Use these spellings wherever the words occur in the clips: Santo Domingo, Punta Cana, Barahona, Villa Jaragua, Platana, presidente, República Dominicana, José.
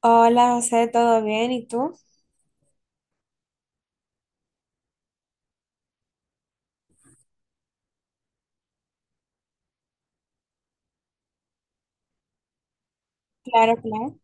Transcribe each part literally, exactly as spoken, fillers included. Hola, José, ¿todo bien? ¿Y tú? Claro, claro.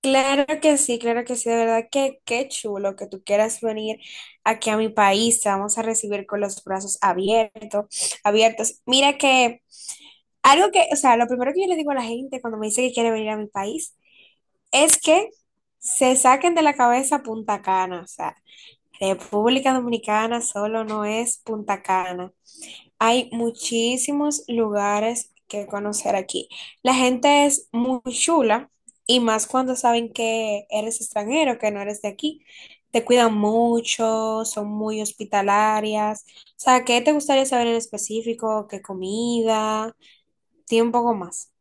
Claro que sí, claro que sí, de verdad que qué chulo que tú quieras venir aquí a mi país, te vamos a recibir con los brazos abiertos, abiertos. Mira que algo que, o sea, lo primero que yo le digo a la gente cuando me dice que quiere venir a mi país es que se saquen de la cabeza Punta Cana, o sea, República Dominicana solo no es Punta Cana. Hay muchísimos lugares que conocer aquí. La gente es muy chula y más cuando saben que eres extranjero, que no eres de aquí. Te cuidan mucho, son muy hospitalarias. O sea, ¿qué te gustaría saber en específico? ¿Qué comida? Tiene un poco más.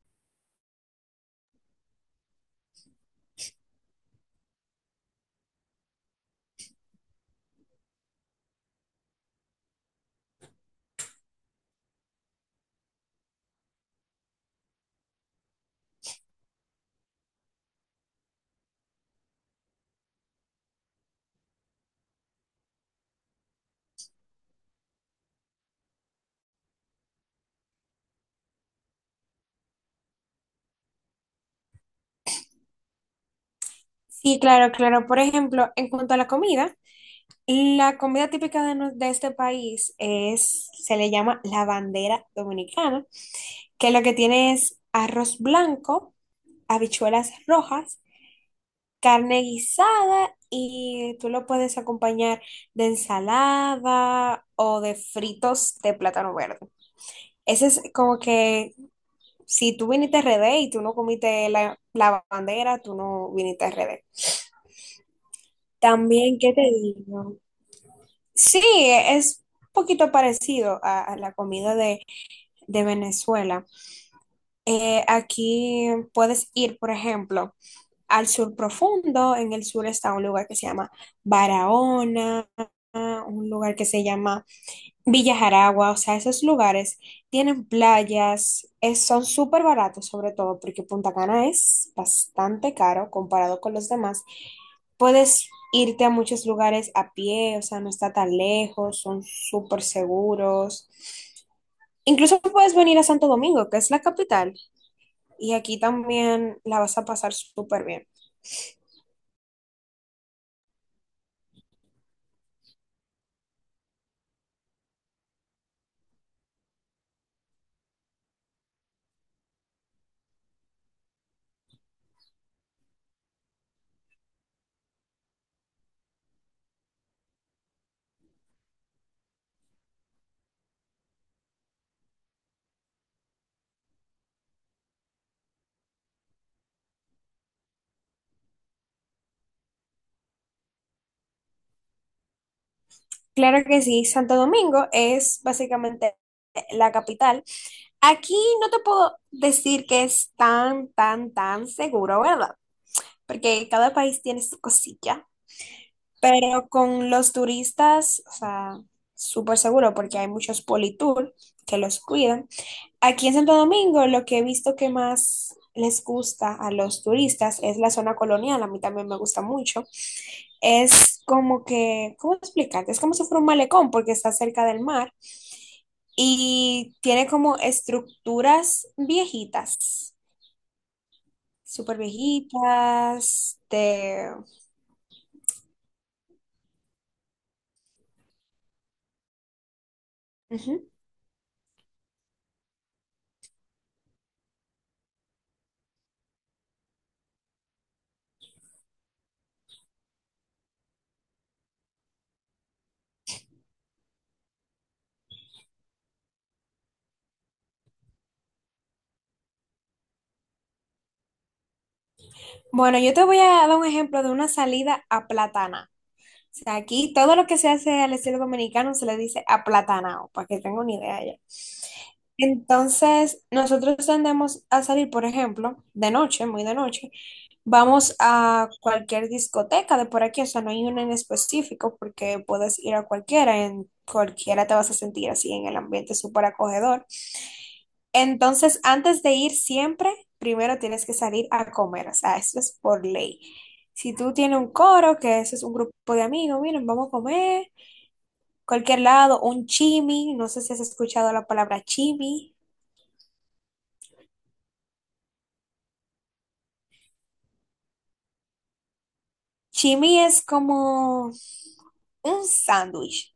Sí, claro, claro. Por ejemplo, en cuanto a la comida. La comida típica de, nue- de este país es, se le llama la bandera dominicana, que lo que tiene es arroz blanco, habichuelas rojas, carne guisada y tú lo puedes acompañar de ensalada o de fritos de plátano verde. Ese es como que si tú viniste a R D y tú no comiste la, la bandera, tú no viniste a R D. También, ¿qué te digo? Sí, es un poquito parecido a, a la comida de, de Venezuela. Eh, aquí puedes ir, por ejemplo, al sur profundo. En el sur está un lugar que se llama Barahona, un lugar que se llama Villa Jaragua, o sea, esos lugares tienen playas, es- son súper baratos sobre todo porque Punta Cana es bastante caro comparado con los demás. Puedes irte a muchos lugares a pie, o sea, no está tan lejos, son súper seguros. Incluso puedes venir a Santo Domingo, que es la capital, y aquí también la vas a pasar súper bien. Claro que sí, Santo Domingo es básicamente la capital. Aquí no te puedo decir que es tan, tan, tan seguro, ¿verdad? Porque cada país tiene su cosilla, pero con los turistas, o sea, súper seguro porque hay muchos politour que los cuidan. Aquí en Santo Domingo, lo que he visto que más les gusta a los turistas es la zona colonial, a mí también me gusta mucho. Es como que, ¿cómo explicarte? Es como si fuera un malecón porque está cerca del mar y tiene como estructuras viejitas, súper viejitas, de… Ujú. Bueno, yo te voy a dar un ejemplo de una salida a Platana. Sea, aquí todo lo que se hace al estilo dominicano se le dice aplatanado, para que tenga una idea ya. Entonces, nosotros tendemos a salir, por ejemplo, de noche, muy de noche, vamos a cualquier discoteca de por aquí, o sea, no hay una en específico porque puedes ir a cualquiera, en cualquiera te vas a sentir así en el ambiente súper acogedor. Entonces, antes de ir siempre, primero tienes que salir a comer, o sea, eso es por ley. Si tú tienes un coro, que eso es un grupo de amigos, miren, vamos a comer, cualquier lado, un chimi, no sé si has escuchado la palabra chimi. Chimi es como un sándwich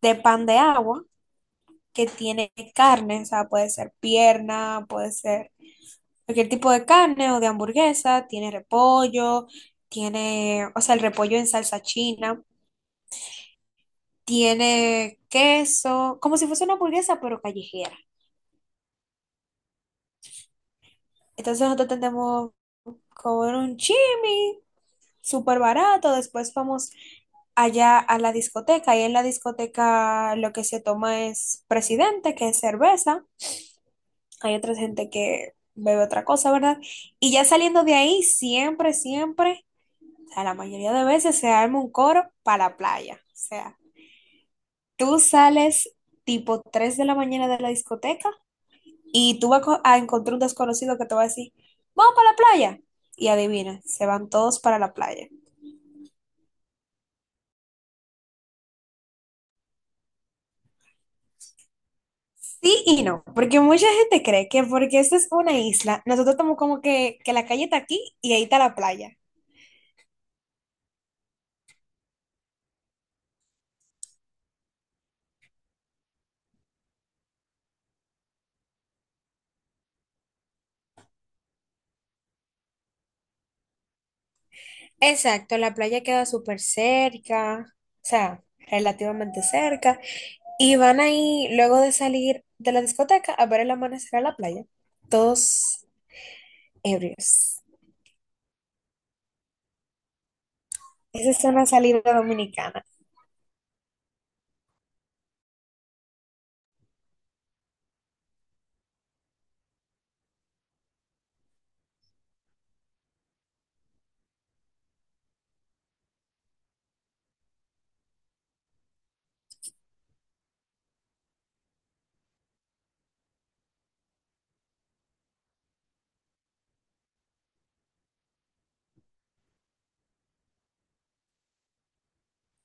de pan de agua que tiene carne, o sea, puede ser pierna, puede ser cualquier tipo de carne o de hamburguesa, tiene repollo, tiene, o sea, el repollo en salsa china. Tiene queso, como si fuese una hamburguesa, pero callejera. Entonces nosotros tendemos comer un chimi, súper barato. Después vamos allá a la discoteca. Y en la discoteca lo que se toma es presidente, que es cerveza. Hay otra gente que bebe otra cosa, ¿verdad? Y ya saliendo de ahí, siempre, siempre, o sea, la mayoría de veces se arma un coro para la playa. O sea, tú sales tipo tres de la mañana de la discoteca. Y tú vas co- a encontrar un desconocido que te va a decir, vamos para la playa. Y adivina, se van todos para la playa. Sí y no, porque mucha gente cree que porque esta es una isla, nosotros estamos como que, que la calle está aquí y ahí está la playa. Exacto, la playa queda súper cerca, o sea, relativamente cerca, y van ahí luego de salir de la discoteca a ver el amanecer a la playa, todos ebrios. Esa es una salida dominicana.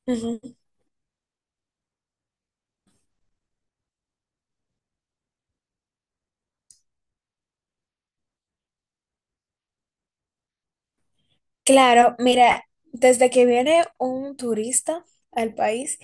Ujú. Claro, mira, desde que viene un turista al país,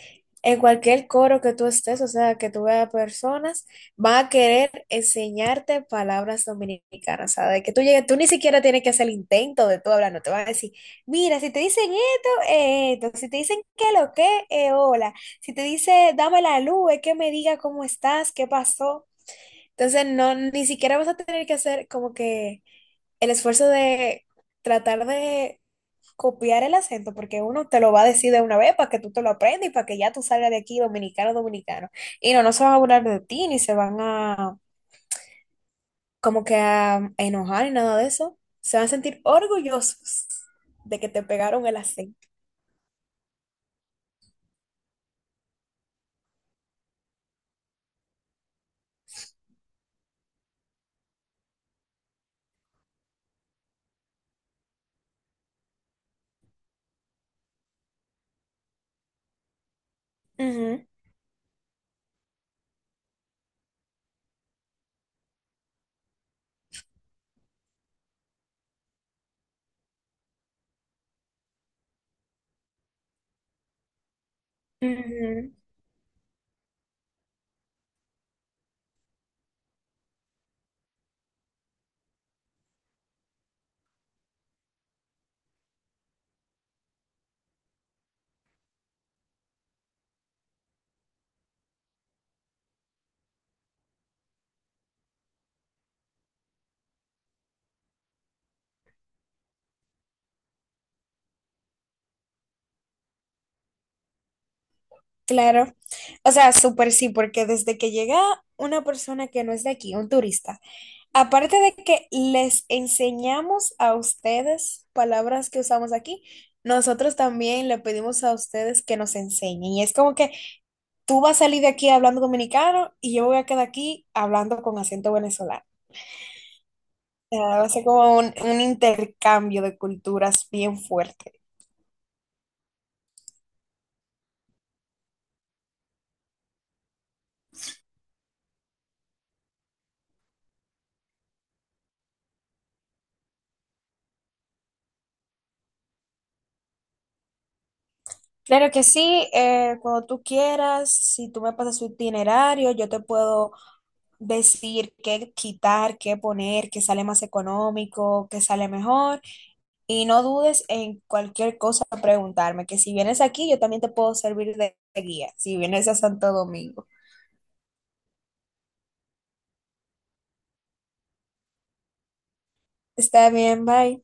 en cualquier coro que tú estés, o sea, que tú veas personas, van a querer enseñarte palabras dominicanas, o sea, de que tú llegues, tú ni siquiera tienes que hacer el intento de tú hablar, no te van a decir, mira, si te dicen esto, eh, esto, si te dicen que lo que, eh, hola, si te dice dame la luz, es que me diga cómo estás, qué pasó. Entonces, no, ni siquiera vas a tener que hacer como que el esfuerzo de tratar de copiar el acento, porque uno te lo va a decir de una vez para que tú te lo aprendas y para que ya tú salgas de aquí dominicano, dominicano. Y no, no se van a burlar de ti, ni se van a como que a enojar ni nada de eso. Se van a sentir orgullosos de que te pegaron el acento. Ujú, ujú. Claro. O sea, súper sí, porque desde que llega una persona que no es de aquí, un turista, aparte de que les enseñamos a ustedes palabras que usamos aquí, nosotros también le pedimos a ustedes que nos enseñen. Y es como que tú vas a salir de aquí hablando dominicano y yo voy a quedar aquí hablando con acento venezolano. O sea, va a ser como un, un intercambio de culturas bien fuerte. Claro que sí, eh, cuando tú quieras, si tú me pasas su itinerario, yo te puedo decir qué quitar, qué poner, qué sale más económico, qué sale mejor. Y no dudes en cualquier cosa preguntarme, que si vienes aquí yo también te puedo servir de guía, si vienes a Santo Domingo. Está bien, bye.